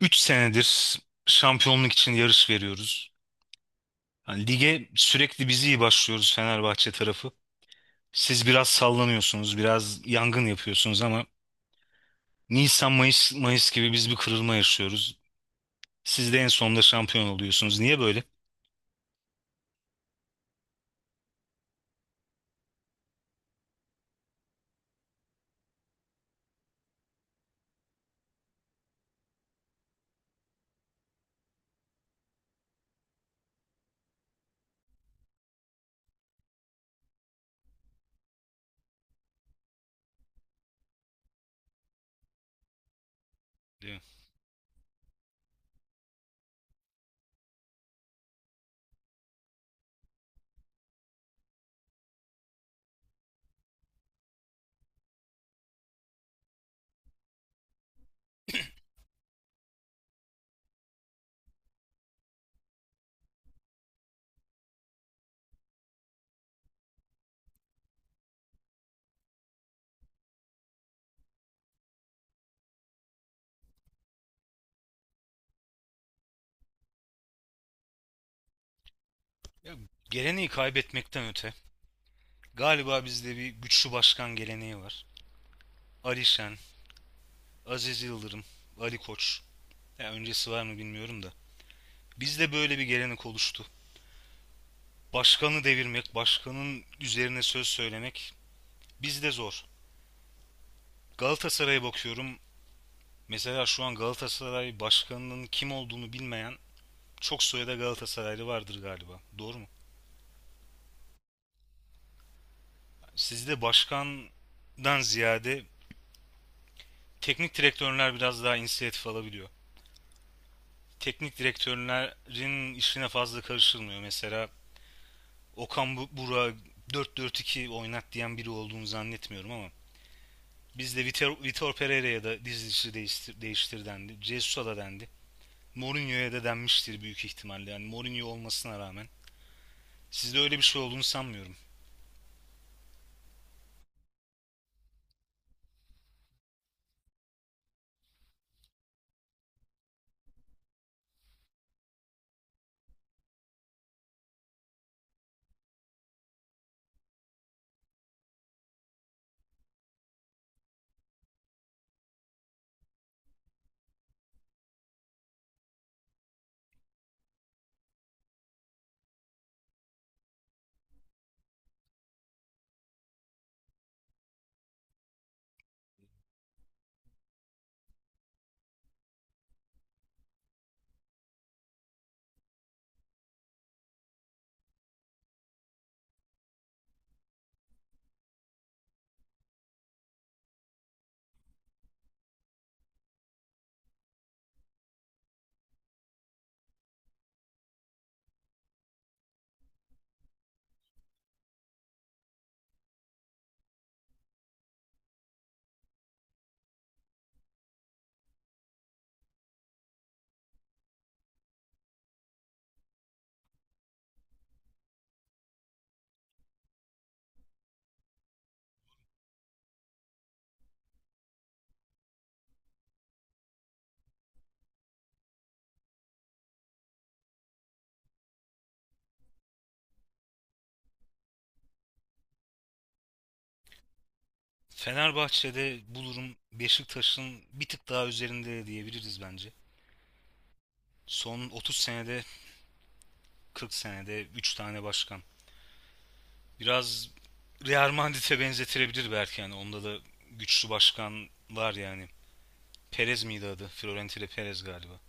3 senedir şampiyonluk için yarış veriyoruz. Hani lige sürekli biz iyi başlıyoruz Fenerbahçe tarafı. Siz biraz sallanıyorsunuz, biraz yangın yapıyorsunuz ama Nisan, Mayıs, Mayıs gibi biz bir kırılma yaşıyoruz. Siz de en sonunda şampiyon oluyorsunuz. Niye böyle? Değil mi? Ya, geleneği kaybetmekten öte galiba bizde bir güçlü başkan geleneği var. Ali Şen, Aziz Yıldırım, Ali Koç. Ya öncesi var mı bilmiyorum da. Bizde böyle bir gelenek oluştu. Başkanı devirmek, başkanın üzerine söz söylemek bizde zor. Galatasaray'a bakıyorum. Mesela şu an Galatasaray başkanının kim olduğunu bilmeyen çok sayıda Galatasaraylı vardır galiba. Doğru mu? Sizde başkandan ziyade teknik direktörler biraz daha inisiyatif alabiliyor. Teknik direktörlerin işine fazla karışılmıyor. Mesela Burak'ı 4-4-2 oynat diyen biri olduğunu zannetmiyorum. Ama bizde Vitor Pereira'ya da dizisi değiştir, değiştir dendi. Jesus'a da dendi. Mourinho'ya da denmiştir büyük ihtimalle. Yani Mourinho olmasına rağmen. Sizde öyle bir şey olduğunu sanmıyorum. Fenerbahçe'de bu durum Beşiktaş'ın bir tık daha üzerinde diyebiliriz bence. Son 30 senede 40 senede 3 tane başkan. Biraz Real Madrid'e benzetilebilir belki, yani onda da güçlü başkan var yani. Perez miydi adı? Florentino Perez galiba.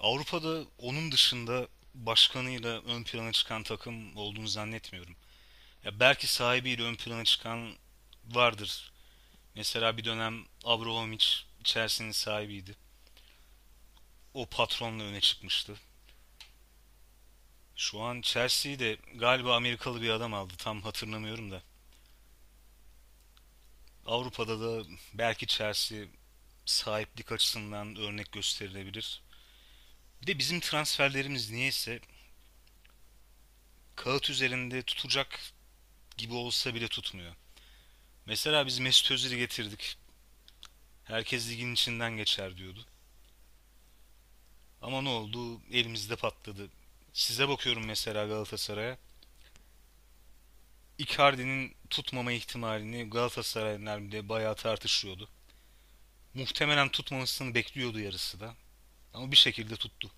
Avrupa'da onun dışında başkanıyla ön plana çıkan takım olduğunu zannetmiyorum. Ya belki sahibiyle ön plana çıkan vardır. Mesela bir dönem Abramovich Chelsea'nin sahibiydi. O patronla öne çıkmıştı. Şu an Chelsea'yi de galiba Amerikalı bir adam aldı. Tam hatırlamıyorum da. Avrupa'da da belki Chelsea sahiplik açısından örnek gösterilebilir. Bir de bizim transferlerimiz niyeyse kağıt üzerinde tutacak gibi olsa bile tutmuyor. Mesela biz Mesut Özil'i getirdik. Herkes ligin içinden geçer diyordu. Ama ne oldu? Elimizde patladı. Size bakıyorum mesela Galatasaray'a. Icardi'nin tutmama ihtimalini Galatasaraylılar bile bayağı tartışıyordu. Muhtemelen tutmamasını bekliyordu yarısı da. Ama bir şekilde tuttu.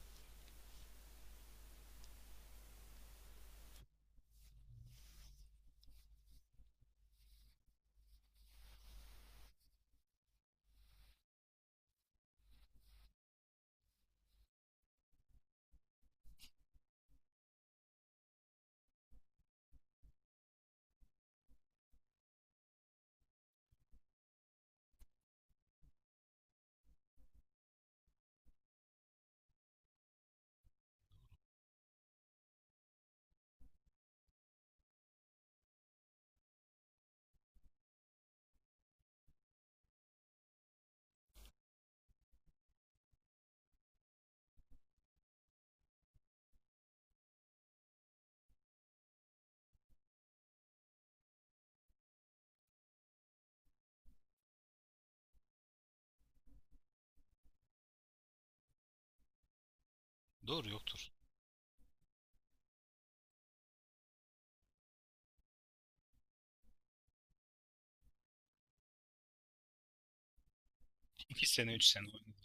Doğru yoktur. 2 sene üç sene oynadı.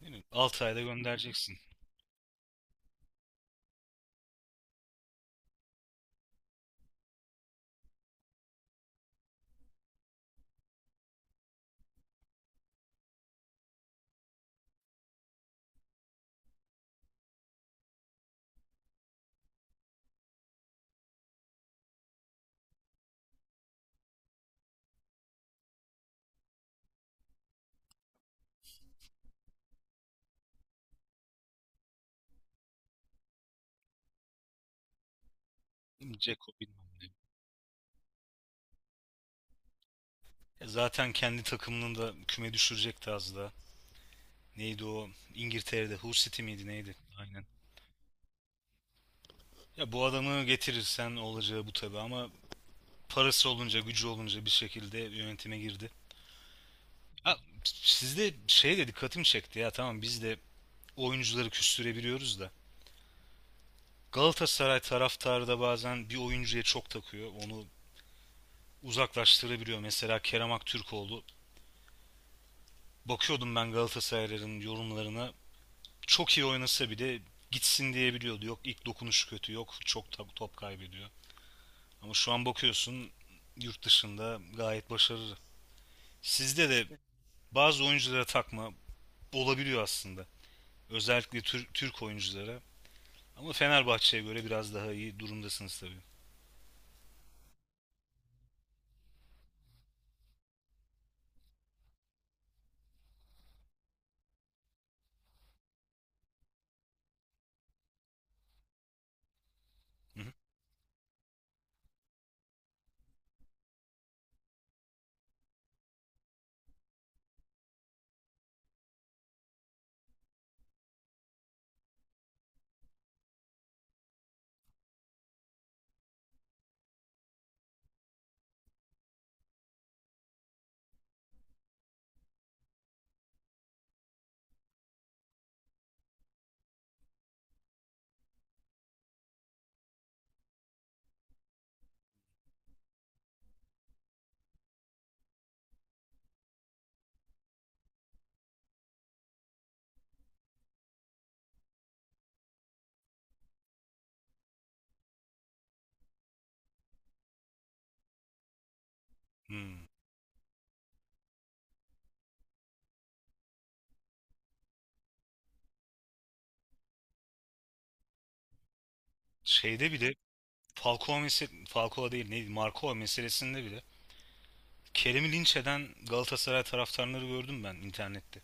Değil mi? 6 ayda göndereceksin. Değil Dzeko bilmem ne. E zaten kendi takımının da küme düşürecekti az daha. Neydi o? İngiltere'de Hull City miydi neydi? Aynen. Ya bu adamı getirirsen olacağı bu tabii, ama parası olunca, gücü olunca bir şekilde yönetime girdi. Ha, sizde şey de dikkatimi çekti. Ya tamam, biz de oyuncuları küstürebiliyoruz da. Galatasaray taraftarı da bazen bir oyuncuya çok takıyor. Onu uzaklaştırabiliyor. Mesela Kerem Aktürkoğlu. Bakıyordum ben Galatasarayların yorumlarına. Çok iyi oynasa bile gitsin diyebiliyordu. Yok ilk dokunuşu kötü. Yok çok top kaybediyor. Ama şu an bakıyorsun yurt dışında gayet başarılı. Sizde de bazı oyunculara takma olabiliyor aslında. Özellikle Türk oyunculara. Ama Fenerbahçe'ye göre biraz daha iyi durumdasınız tabii. Hı hı. Hmm. Şeyde bile Falcao mesele Falcao değil neydi? Marco meselesinde bile Kerem'i linç eden Galatasaray taraftarları gördüm ben internette.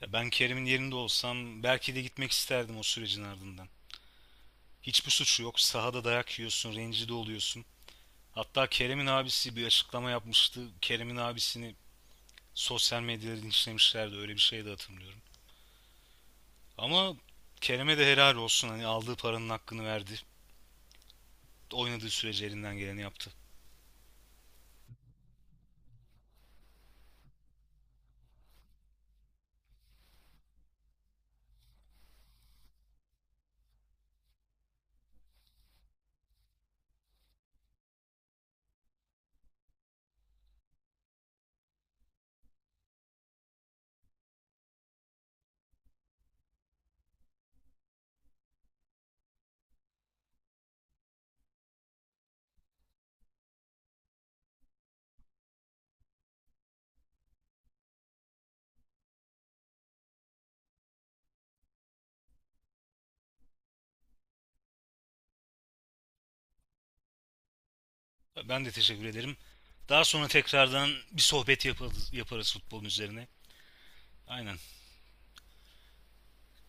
Ya ben Kerem'in yerinde olsam belki de gitmek isterdim o sürecin ardından. Hiçbir suçu yok. Sahada dayak yiyorsun, rencide oluyorsun. Hatta Kerem'in abisi bir açıklama yapmıştı. Kerem'in abisini sosyal medyada linçlemişlerdi, öyle bir şey de hatırlıyorum. Ama Kerem'e de helal olsun, hani aldığı paranın hakkını verdi. Oynadığı sürece elinden geleni yaptı. Ben de teşekkür ederim. Daha sonra tekrardan bir sohbet yaparız futbolun üzerine. Aynen.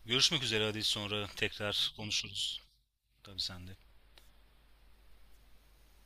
Görüşmek üzere, hadi sonra tekrar konuşuruz. Tabii sen de.